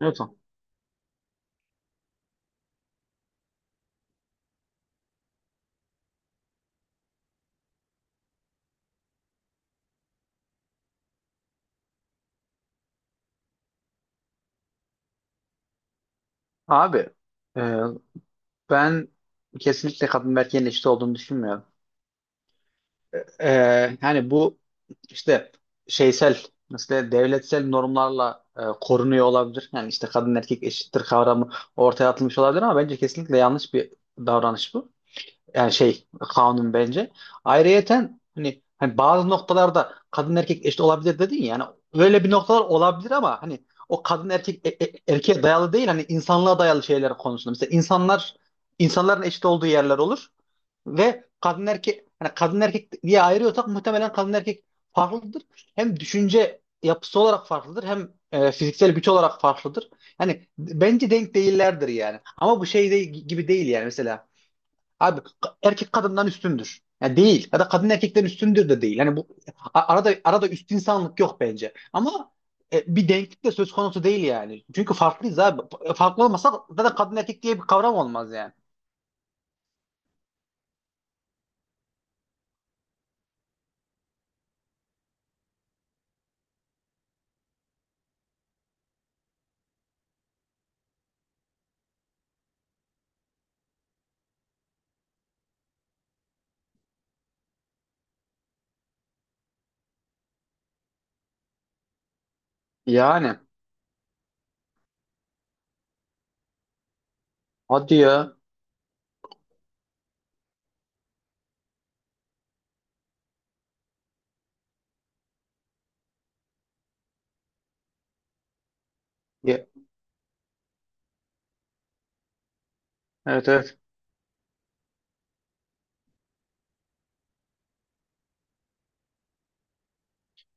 Evet. Abi, e, ben kesinlikle kadın ve erkeğin eşit olduğunu düşünmüyorum. E, Yani bu işte şeysel, mesela devletsel normlarla korunuyor olabilir. Yani işte kadın erkek eşittir kavramı ortaya atılmış olabilir ama bence kesinlikle yanlış bir davranış bu. Yani şey, kanun bence. Ayrıyeten hani bazı noktalarda kadın erkek eşit olabilir dedin ya. Yani öyle bir noktalar olabilir ama hani o kadın erkek erkeğe dayalı değil, hani insanlığa dayalı şeyler konusunda. Mesela insanların eşit olduğu yerler olur ve kadın erkek, hani kadın erkek diye ayırıyorsak muhtemelen kadın erkek farklıdır. Hem düşünce yapısı olarak farklıdır, hem fiziksel güç olarak farklıdır. Hani bence denk değillerdir yani. Ama bu şey de, gibi değil yani mesela. Abi, erkek kadından üstündür, yani değil. Ya da kadın erkekten üstündür de değil. Hani bu arada üst insanlık yok bence. Ama bir denklik de söz konusu değil yani. Çünkü farklıyız abi. Farklı olmasa zaten kadın erkek diye bir kavram olmaz yani. Yani hadi ya. Ya, evet, evet.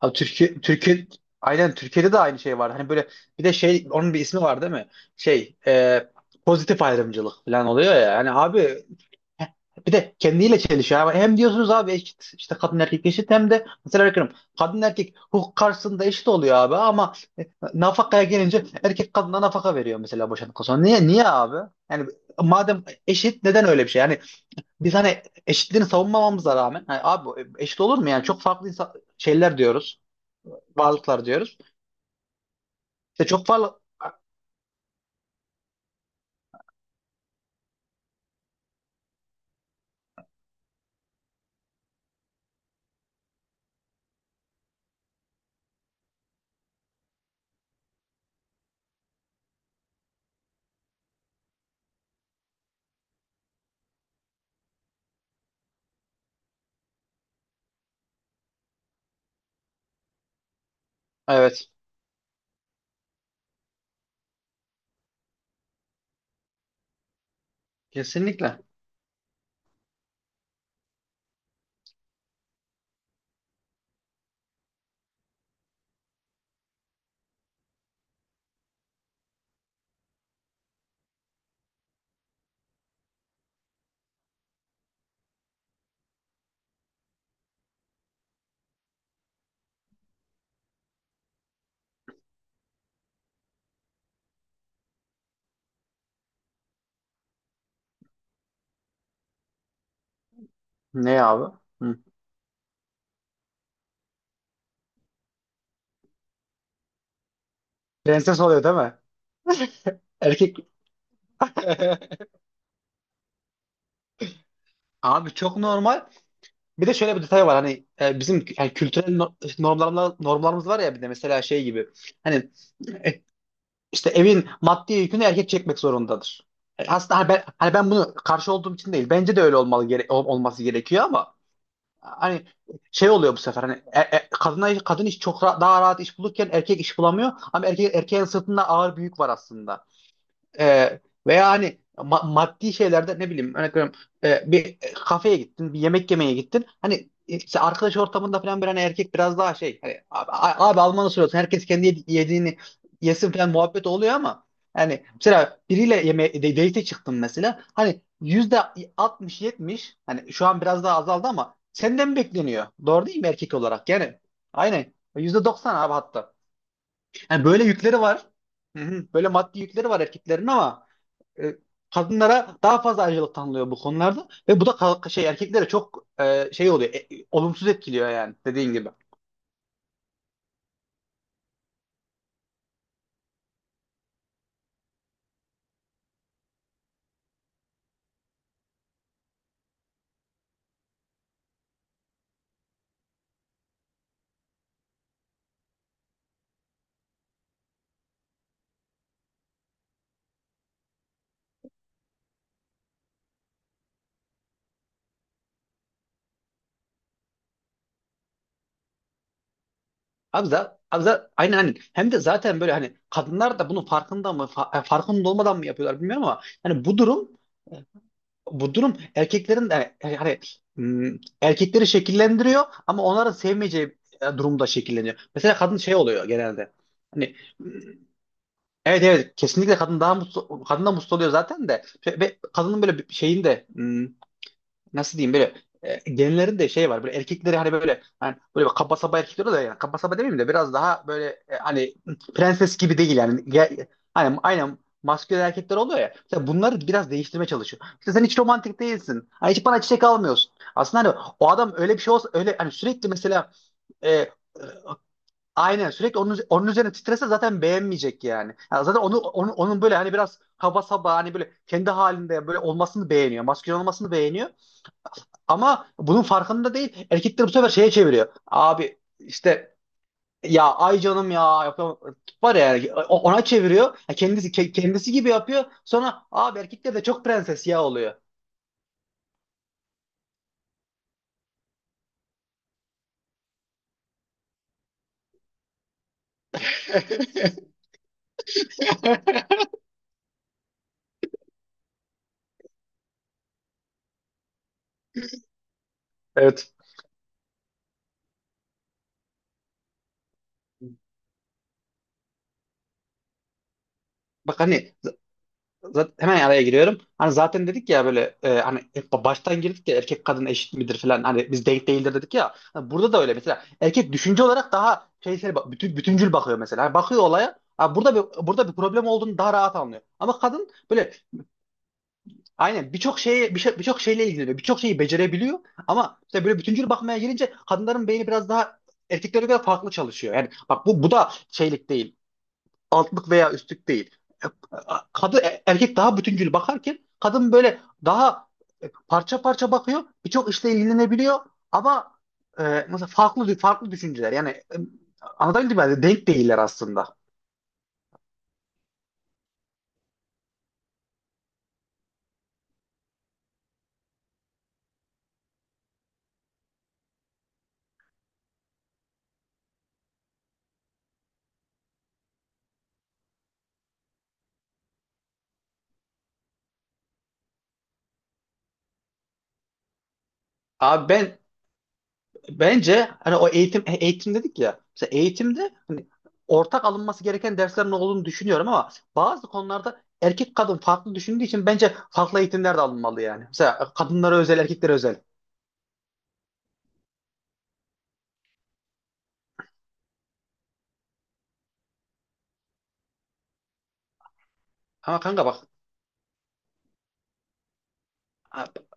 Abi, Türkiye, aynen Türkiye'de de aynı şey var. Hani böyle, bir de şey, onun bir ismi var değil mi? Şey e, pozitif ayrımcılık falan oluyor ya. Hani abi, bir de kendiyle çelişiyor. Ama hem diyorsunuz abi eşit, işte kadın erkek eşit, hem de mesela bakıyorum, kadın erkek hukuk karşısında eşit oluyor abi, ama nafakaya gelince erkek kadına nafaka veriyor mesela, boşandıktan sonra. Niye, niye abi? Yani madem eşit, neden öyle bir şey? Yani biz hani eşitliğini savunmamamıza rağmen hani abi, eşit olur mu? Yani çok farklı insan, şeyler diyoruz. Varlıklar diyoruz. İşte çok farklı. Evet, kesinlikle. Ne abi? Hı. Prenses oluyor değil mi? Erkek. Abi çok normal. Bir de şöyle bir detay var, hani bizim yani kültürel normlarımız var ya, bir de mesela şey gibi, hani e, işte evin maddi yükünü erkek çekmek zorundadır. Aslında hani ben bunu karşı olduğum için değil, bence de öyle olmalı, olması gerekiyor, ama hani şey oluyor bu sefer, hani kadına, kadın iş, çok daha rahat iş bulurken erkek iş bulamıyor, ama erkeğin sırtında ağır bir yük var aslında. E, Veya hani maddi şeylerde, ne bileyim, örnek veriyorum, bir kafeye gittin, bir yemek yemeye gittin, hani işte arkadaş ortamında falan bir, hani erkek biraz daha şey, hani abi, abi Alman'ı soruyorsun, herkes kendi yediğini yesin falan, muhabbet oluyor ama hani mesela biriyle date çıktım mesela, hani %60-70, hani şu an biraz daha azaldı ama senden bekleniyor, doğru değil mi, erkek olarak yani. Aynen, %90 abi, hatta. Yani böyle yükleri var. Hı hı. Böyle maddi yükleri var erkeklerin, ama e, kadınlara daha fazla ayrıcalık tanınıyor bu konularda ve bu da erkeklere çok olumsuz etkiliyor yani, dediğin gibi. Abi, aynen, hani hem de zaten böyle, hani kadınlar da bunun farkında mı, farkında olmadan mı yapıyorlar bilmiyorum, ama hani bu durum, erkeklerin de hani, m, erkekleri şekillendiriyor, ama onların sevmeyeceği durumda şekilleniyor. Mesela kadın şey oluyor genelde. Hani, evet, evet, kesinlikle. Kadın daha mutlu, kadın da mutlu oluyor zaten. De, ve kadının böyle bir şeyin, hmm, nasıl diyeyim, böyle genlerin şey var, böyle erkekleri hani, böyle hani böyle kaba saba erkekler oluyor yani, kaba saba demeyeyim de, biraz daha böyle hani prenses gibi değil yani. Hani aynen, maskülen erkekler oluyor ya, mesela bunları biraz değiştirmeye çalışıyor. İşte sen hiç romantik değilsin, hani hiç bana çiçek almıyorsun. Aslında hani o adam öyle bir şey olsa, öyle hani sürekli mesela e, aynen, sürekli onun üzerine titrese zaten beğenmeyecek yani. Ya zaten onun böyle hani biraz kaba saba, hani böyle kendi halinde böyle olmasını beğeniyor, maskülen olmasını beğeniyor. Ama bunun farkında değil. Erkekler bu sefer şeye çeviriyor. Abi işte, ya, ay canım, ya yapamam, var ya yani, ona çeviriyor. Ya kendisi, kendisi gibi yapıyor. Sonra abi erkekler de çok prenses ya oluyor. Evet. Bak hani, zaten hemen araya giriyorum. Hani zaten dedik ya böyle, hani hep baştan girdik ya, erkek kadın eşit midir falan, hani biz denk değildir dedik ya. Hani burada da öyle, mesela erkek düşünce olarak daha şeysel bütüncül bakıyor mesela. Hani bakıyor olaya. Ha, burada bir, problem olduğunu daha rahat anlıyor. Ama kadın böyle, aynen, birçok şeye, birçok şeyle ilgileniyor, birçok şeyi becerebiliyor, ama işte böyle bütüncül bakmaya gelince kadınların beyni biraz daha erkeklere göre farklı çalışıyor. Yani bak, bu da şeylik değil, altlık veya üstlük değil. Kadın, erkek daha bütüncül bakarken kadın böyle daha parça parça bakıyor, birçok işle ilgilenebiliyor, ama e, mesela farklı farklı düşünceler. Yani anlatabildim mi? Denk değiller aslında. Abi, bence hani o eğitim, eğitim dedik ya. Mesela eğitimde hani ortak alınması gereken derslerin olduğunu düşünüyorum, ama bazı konularda erkek kadın farklı düşündüğü için bence farklı eğitimler de alınmalı yani. Mesela kadınlara özel, erkeklere özel. Ama kanka, bak.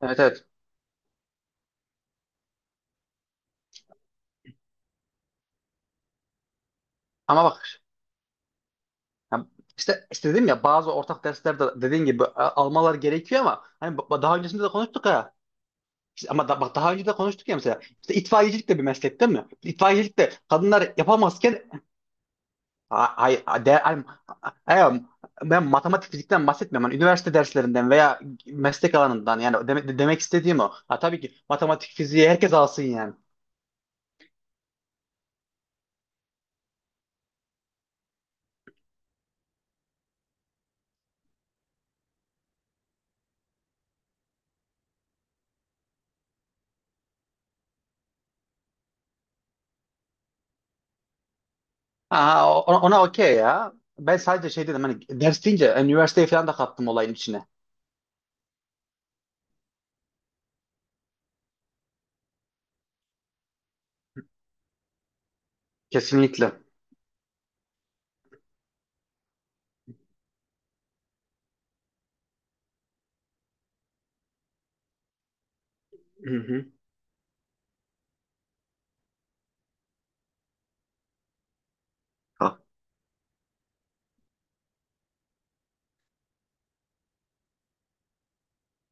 Evet, evet. Ama bak ya, işte dedim ya, bazı ortak derslerde dediğin gibi almalar gerekiyor, ama hani daha öncesinde de konuştuk ha. İşte bak, daha önce de konuştuk ya mesela. İşte itfaiyecilik de bir meslek değil mi? İtfaiyecilik de kadınlar yapamazken, Ha- hay, de, ay ay- ben matematik fizikten bahsetmiyorum. Hani üniversite derslerinden veya meslek alanından yani, demek istediğim o. Ha, tabii ki matematik fiziği herkes alsın yani. Ha, ona okey ya. Ben sadece şey dedim, hani ders deyince üniversiteyi falan da kattım olayın içine. Kesinlikle. Hı hı.